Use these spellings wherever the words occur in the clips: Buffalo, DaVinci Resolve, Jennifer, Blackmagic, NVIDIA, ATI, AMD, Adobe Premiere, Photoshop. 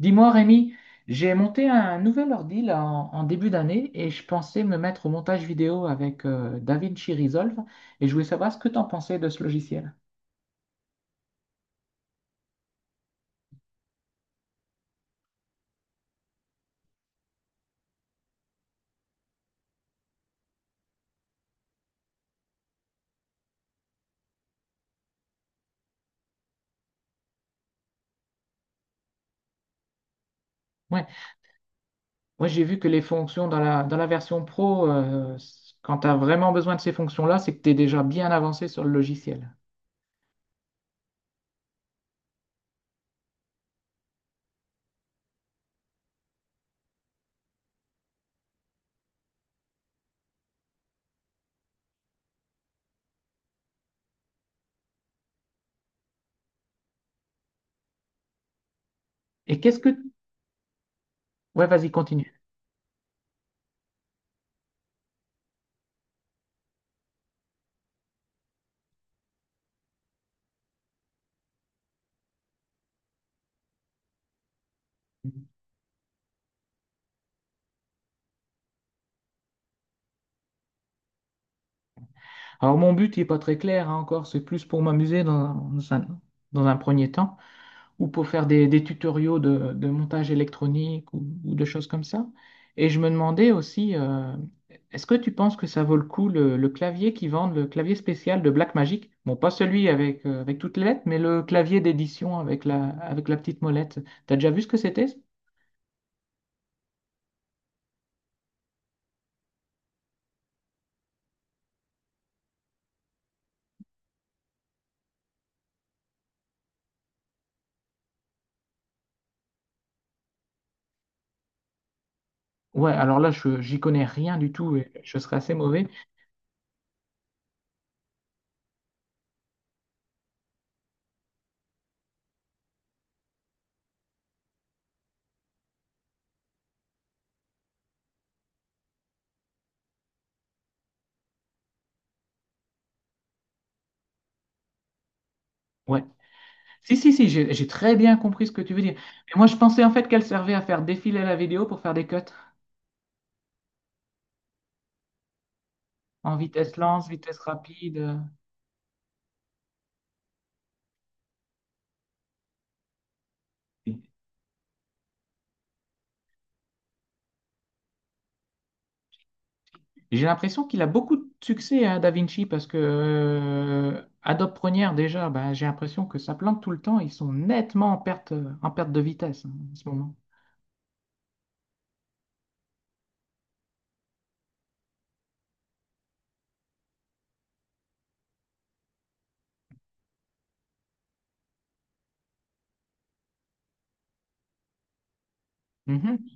Dis-moi, Rémi, j'ai monté un nouvel ordi là, en début d'année et je pensais me mettre au montage vidéo avec DaVinci Resolve et je voulais savoir ce que tu en pensais de ce logiciel. Ouais, moi j'ai vu que les fonctions dans la version pro, quand tu as vraiment besoin de ces fonctions-là, c'est que tu es déjà bien avancé sur le logiciel. Et qu'est-ce que Ouais, vas-y, continue. Alors, mon but n'est pas très clair hein, encore, c'est plus pour m'amuser un, dans un premier temps, ou pour faire des tutoriaux de montage électronique ou de choses comme ça. Et je me demandais aussi, est-ce que tu penses que ça vaut le coup le clavier qu'ils vendent, le clavier spécial de Blackmagic? Bon, pas celui avec, avec toutes les lettres, mais le clavier d'édition avec la petite molette. T'as déjà vu ce que c'était? Ouais, alors là, je j'y connais rien du tout et je serais assez mauvais. Ouais. Si, j'ai très bien compris ce que tu veux dire. Mais moi, je pensais en fait qu'elle servait à faire défiler la vidéo pour faire des cuts en vitesse lente, vitesse rapide. J'ai l'impression qu'il a beaucoup de succès à DaVinci parce que Adobe Premiere, déjà, ben j'ai l'impression que ça plante tout le temps. Ils sont nettement en perte de vitesse hein, en ce moment. Mhm.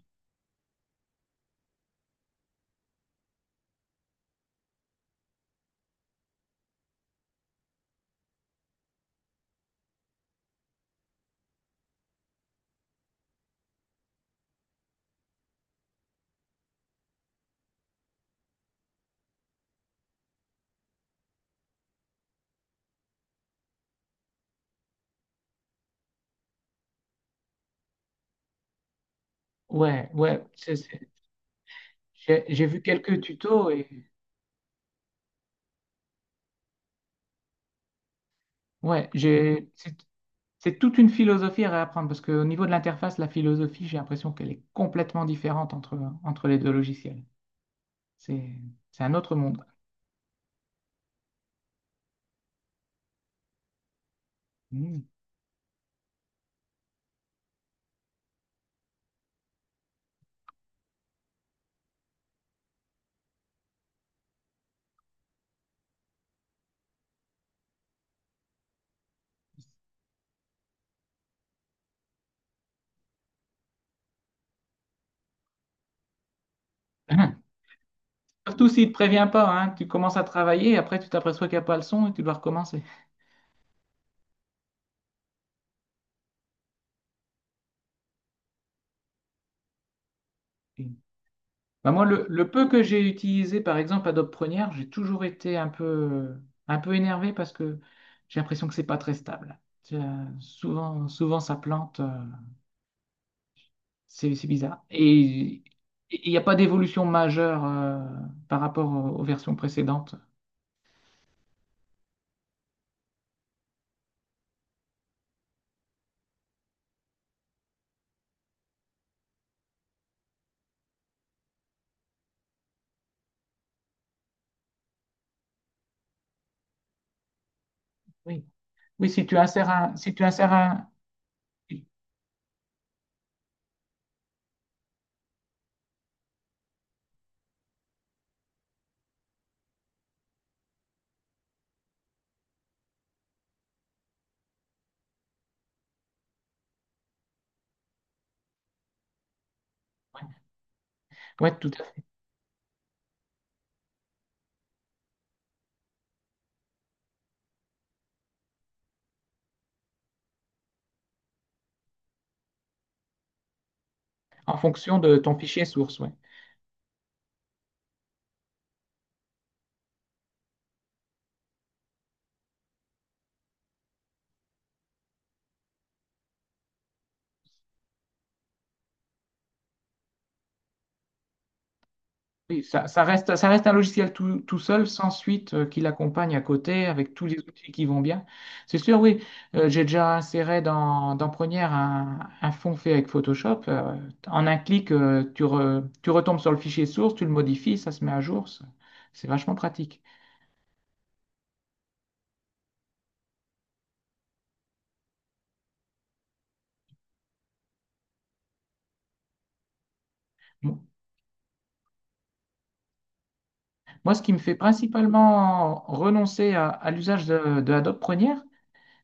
Ouais, ouais, c'est- c'est- j'ai vu quelques tutos et ouais, j'ai c'est toute une philosophie à réapprendre parce qu'au niveau de l'interface, la philosophie, j'ai l'impression qu'elle est complètement différente entre les deux logiciels. C'est, c'est un autre monde. Mm. Surtout s'il ne te prévient pas, hein. Tu commences à travailler et après tu t'aperçois qu'il n'y a pas le son et tu dois recommencer. Et- Bah, moi, le peu que j'ai utilisé, par exemple, Adobe Premiere, j'ai toujours été un peu énervé parce que j'ai l'impression que c'est pas très stable. Tu as- Souvent, ça plante. C'est bizarre. Et il n'y a pas d'évolution majeure par rapport aux versions précédentes. Oui. Oui, si tu insères un, ouais, ouais, tout à fait. En fonction de ton fichier source, ouais. Oui, ça reste un logiciel tout seul, sans suite, qui l'accompagne à côté, avec tous les outils qui vont bien. C'est sûr, oui, j'ai déjà inséré dans Première un fond fait avec Photoshop. En un clic, tu retombes sur le fichier source, tu le modifies, ça se met à jour. C'est vachement pratique. Mo- Moi, ce qui me fait principalement renoncer à l'usage de Adobe Premiere,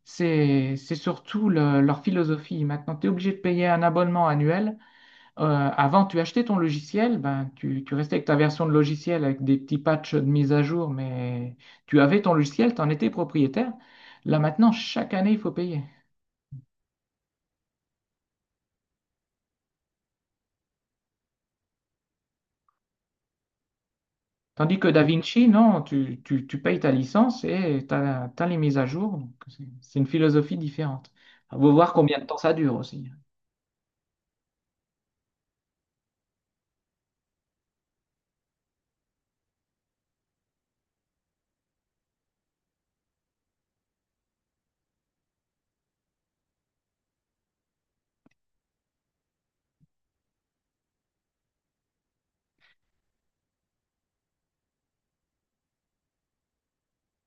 c'est surtout le- leur philosophie. Maintenant, tu es obligé de payer un abonnement annuel. Avant, tu achetais ton logiciel, ben, tu restais avec ta version de logiciel avec des petits patchs de mise à jour, mais tu avais ton logiciel, tu en étais propriétaire. Là maintenant, chaque année, il faut payer. Tandis que DaVinci, non, tu payes ta licence et tu as les mises à jour. Donc, c'est une philosophie différente. Il faut voir combien de temps ça dure aussi.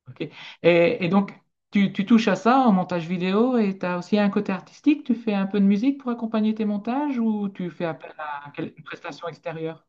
Ok. Donc, tu touches à ça en montage vidéo et tu as aussi un côté artistique. Tu fais un peu de musique pour accompagner tes montages ou tu fais appel à quelle- une prestation extérieure?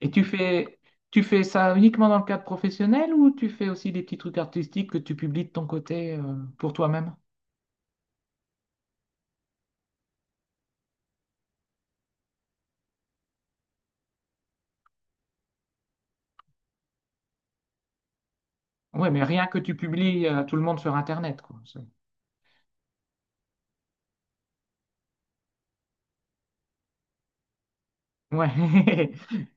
Et tu fais, tu fais ça uniquement dans le cadre professionnel ou tu fais aussi des petits trucs artistiques que tu publies de ton côté pour toi-même? Ouais, mais rien que tu publies à tout le monde sur Internet, quoi. C'est- Ouais.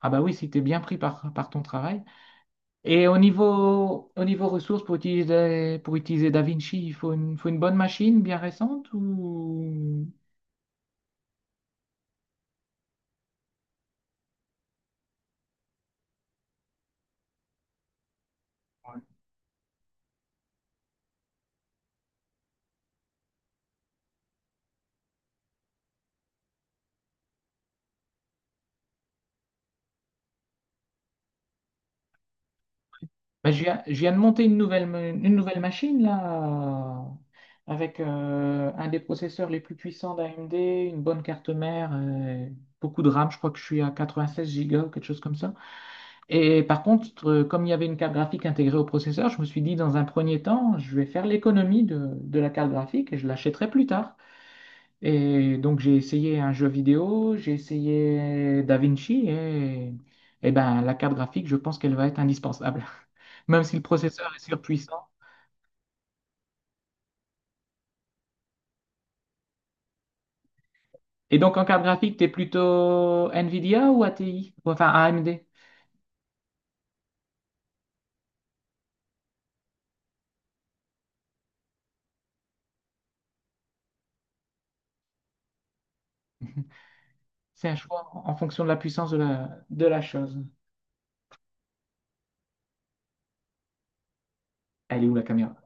Ah bah oui, si t'es bien pris par ton travail. Et au niveau ressources, pour utiliser DaVinci, il faut une bonne machine bien récente ou... je viens de monter une nouvelle machine là, avec un des processeurs les plus puissants d'AMD, une bonne carte mère, beaucoup de RAM, je crois que je suis à 96 Go, quelque chose comme ça. Et par contre, comme il y avait une carte graphique intégrée au processeur, je me suis dit dans un premier temps, je vais faire l'économie de la carte graphique et je l'achèterai plus tard. Et donc j'ai essayé un jeu vidéo, j'ai essayé DaVinci, et ben, la carte graphique, je pense qu'elle va être indispensable même si le processeur est surpuissant. Et donc, en carte graphique, tu es plutôt NVIDIA ou ATI? Ou enfin, AMD. C'est un choix en fonction de la puissance de la chose. Elle est où la caméra?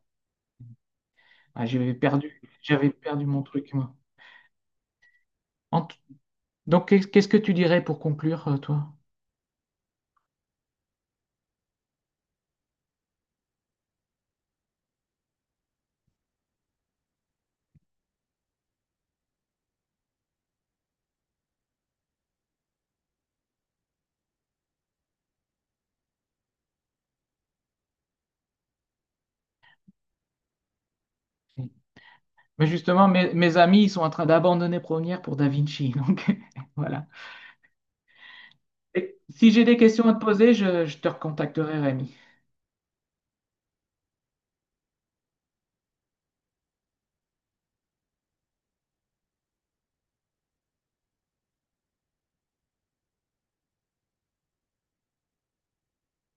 Ah, j'avais perdu mon truc, moi. En, Donc, qu'est-ce que tu dirais pour conclure, toi? Mais justement, mes amis, ils sont en train d'abandonner Première pour Da Vinci. Donc, voilà. Et si j'ai des questions à te poser, je te recontacterai, Rémi.